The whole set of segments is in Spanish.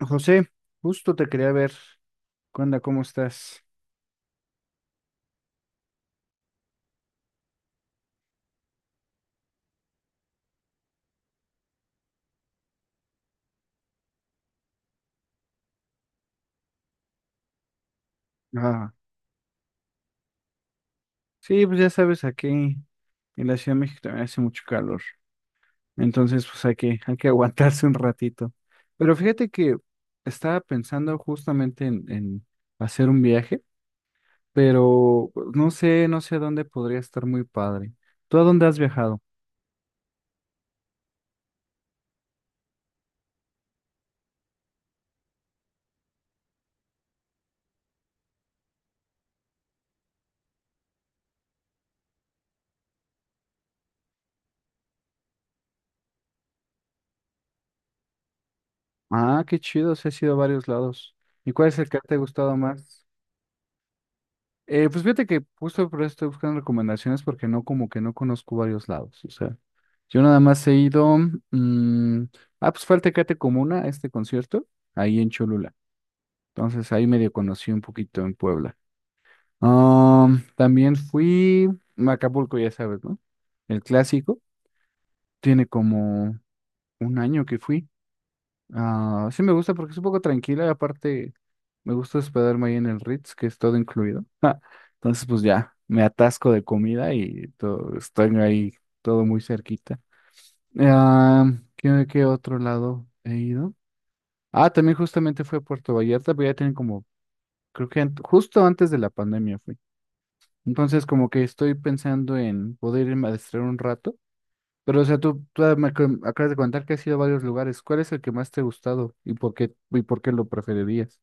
José, justo te quería ver. ¿Qué onda? ¿Cómo estás? Ah, sí, pues ya sabes, aquí en la Ciudad de México también hace mucho calor. Entonces, pues hay que aguantarse un ratito. Pero fíjate que estaba pensando justamente en hacer un viaje, pero no sé a dónde podría estar muy padre. ¿Tú a dónde has viajado? Ah, qué chido, sí has ido a varios lados. ¿Y cuál es el que te ha gustado más? Pues fíjate que justo por eso estoy buscando recomendaciones porque no, como que no conozco varios lados. O sea, yo nada más he ido. mm, ah, pues fue al Tecate Comuna, a este concierto, ahí en Cholula. Entonces ahí medio conocí un poquito en Puebla. Ah, también fui a Acapulco, ya sabes, ¿no? El clásico. Tiene como un año que fui. Ah, sí me gusta porque es un poco tranquila y aparte me gusta hospedarme ahí en el Ritz, que es todo incluido. Ja. Entonces, pues ya, me atasco de comida y todo, estoy ahí todo muy cerquita. Ah, ¿qué otro lado he ido? Ah, también justamente fue a Puerto Vallarta, pero ya tienen como, creo que justo antes de la pandemia fui. Entonces, como que estoy pensando en poder irme a distraer un rato. Pero, o sea, tú me acabas de contar que has ido a varios lugares. ¿Cuál es el que más te ha gustado y por qué lo preferirías?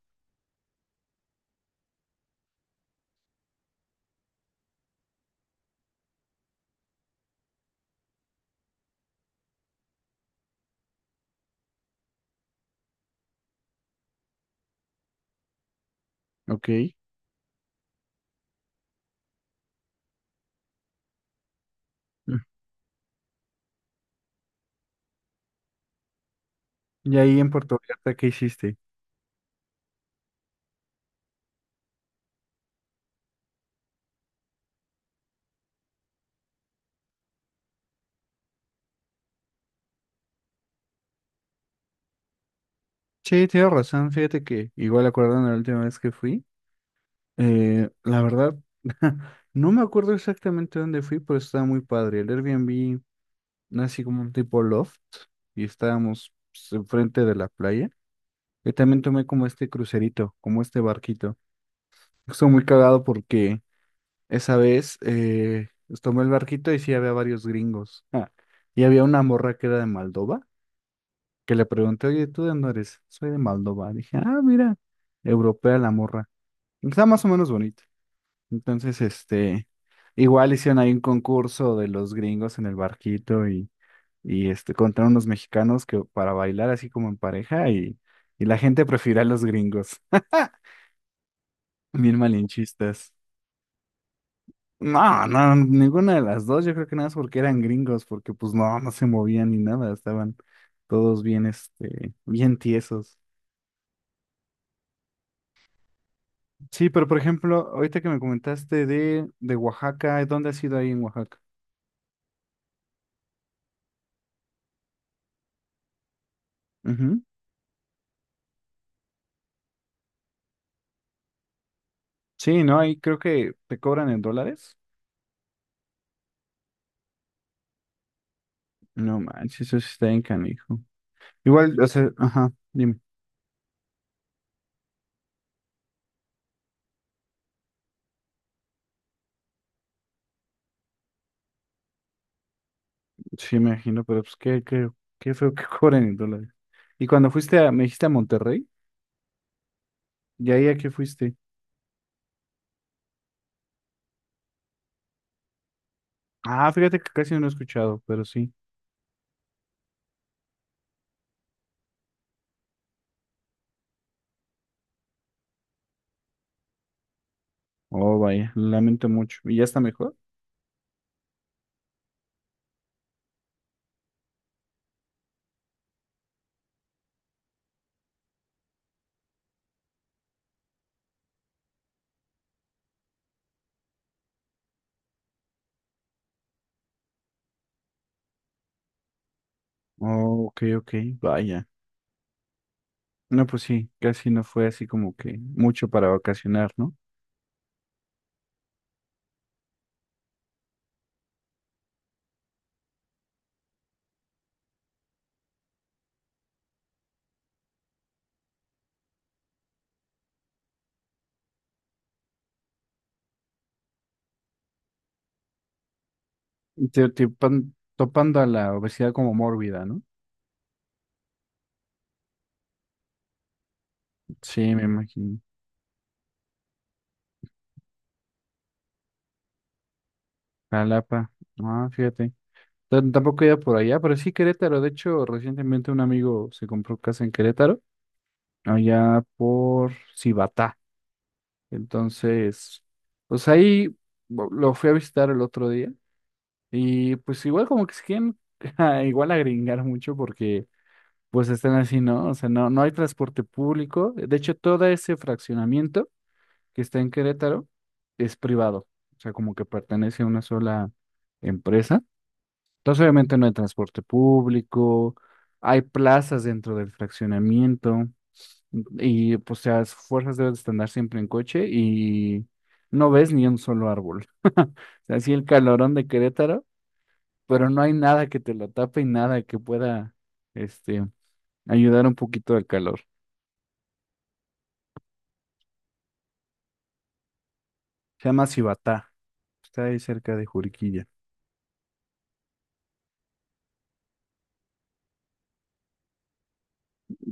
Ok. Mm. Y ahí en Puerto Vallarta, ¿qué hiciste? Sí, tienes razón. Fíjate que igual acordando la última vez que fui, la verdad, no me acuerdo exactamente dónde fui, pero estaba muy padre. El Airbnb, no, así como un tipo loft, y estábamos pues, enfrente de la playa. Y también tomé como este crucerito, como este barquito. Estuvo muy cagado porque esa vez, pues, tomé el barquito y sí había varios gringos. Ah, y había una morra que era de Moldova, que le pregunté, oye, ¿tú de dónde eres? Soy de Moldova. Dije, ah, mira, europea la morra. Está más o menos bonita. Entonces, igual hicieron ahí un concurso de los gringos en el barquito y, contra unos mexicanos que para bailar así como en pareja y la gente prefirió a los gringos. Bien malinchistas. No, no, ninguna de las dos. Yo creo que nada más porque eran gringos, porque pues no, no se movían ni nada. Estaban todos bien, bien tiesos. Sí, pero por ejemplo, ahorita que me comentaste de Oaxaca, ¿dónde has ido ahí en Oaxaca? Ujú. Sí, no, ahí creo que te cobran en dólares. No manches, eso sí está bien canijo. Igual, o sea, ajá, dime. Sí, me imagino, pero pues qué feo que cobran en dólares. Y cuando fuiste a, me dijiste a Monterrey, ¿y ahí a qué fuiste? Ah, fíjate que casi no he escuchado, pero sí. Oh, vaya, lo lamento mucho. ¿Y ya está mejor? Oh, ok, ok, vaya. No, pues sí, casi no fue así como que mucho para vacacionar, ¿no? Y topando a la obesidad como mórbida, ¿no? Sí, me imagino. Jalapa, ah, fíjate. Tampoco he ido por allá, pero sí Querétaro. De hecho, recientemente un amigo se compró casa en Querétaro, allá por Cibatá. Entonces, pues ahí lo fui a visitar el otro día. Y pues igual como que se quieren igual agringar mucho porque pues están así, ¿no? O sea, no, no hay transporte público. De hecho, todo ese fraccionamiento que está en Querétaro es privado. O sea, como que pertenece a una sola empresa. Entonces, obviamente no hay transporte público, hay plazas dentro del fraccionamiento y pues las fuerzas deben de andar siempre en coche y no ves ni un solo árbol. O sea, así el calorón de Querétaro, pero no hay nada que te lo tape y nada que pueda, este, ayudar un poquito al calor. Se llama Cibatá. Está ahí cerca de Juriquilla.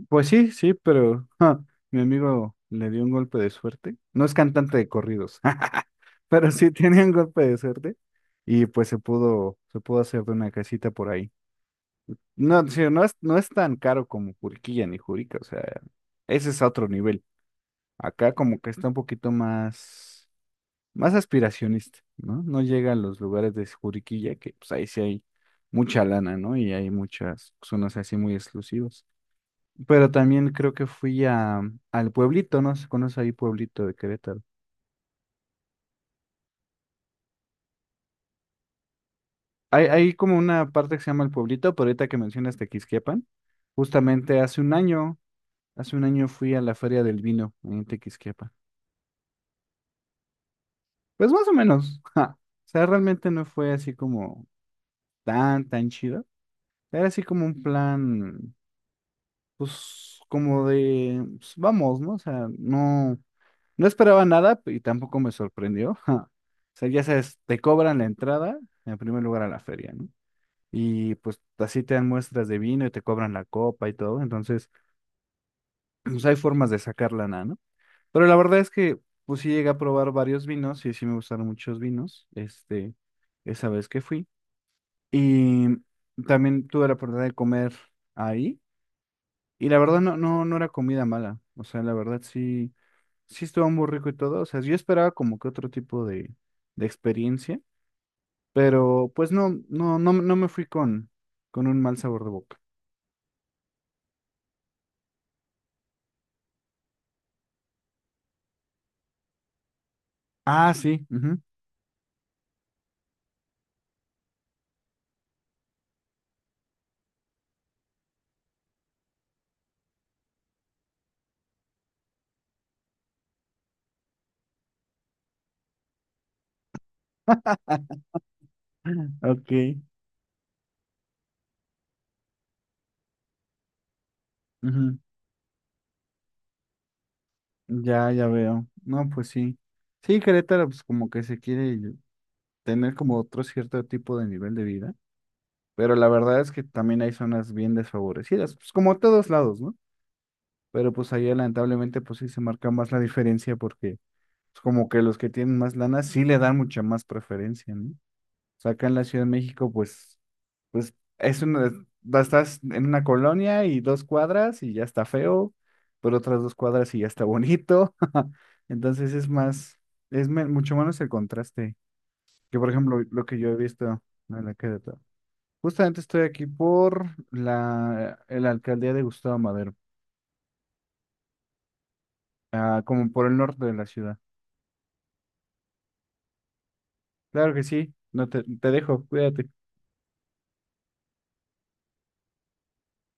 Pues sí, sí, pero ja, mi amigo le dio un golpe de suerte. No es cantante de corridos, pero sí tenía un golpe de suerte y pues se pudo hacer de una casita por ahí. No, sí, no es tan caro como Juriquilla ni Jurica, o sea, ese es a otro nivel. Acá como que está un poquito más, más aspiracionista, ¿no? No llega a los lugares de Juriquilla, que pues ahí sí hay mucha lana, ¿no? Y hay muchas zonas así muy exclusivas. Pero también creo que fui a, al pueblito, ¿no? ¿Se conoce ahí pueblito de Querétaro? Hay como una parte que se llama el pueblito, pero ahorita que mencionas Tequisquiapan, justamente hace un año fui a la Feria del Vino en Tequisquiapan. Pues más o menos, ja. O sea, realmente no fue así como tan chido. Era así como un plan pues como de, pues, vamos, ¿no? O sea, no, no esperaba nada y tampoco me sorprendió. ja. O sea, ya sabes, te cobran la entrada en primer lugar a la feria, ¿no? Y pues así te dan muestras de vino y te cobran la copa y todo. Entonces, pues hay formas de sacar lana, ¿no? Pero la verdad es que, pues sí llegué a probar varios vinos y sí me gustaron muchos vinos, esa vez que fui. Y también tuve la oportunidad de comer ahí. Y la verdad no era comida mala. O sea, la verdad sí, sí estuvo muy rico y todo. O sea, yo esperaba como que otro tipo de experiencia, pero pues no me fui con un mal sabor de boca. Ah, sí. Ujú. Ok. Ujú. Ya veo. No, pues sí. Sí, Querétaro, pues como que se quiere tener como otro cierto tipo de nivel de vida. Pero la verdad es que también hay zonas bien desfavorecidas, pues como a todos lados, ¿no? Pero pues allá lamentablemente pues sí se marca más la diferencia porque es como que los que tienen más lana sí le dan mucha más preferencia, ¿no? O sea, acá en la Ciudad de México, pues, pues es una, estás en una colonia y dos cuadras y ya está feo, pero otras dos cuadras y ya está bonito. Entonces es más, es mucho menos el contraste que, por ejemplo, lo que yo he visto en la Querétaro. Justamente estoy aquí por la alcaldía de Gustavo Madero, ah, como por el norte de la ciudad. Claro que sí, no te, te dejo, cuídate.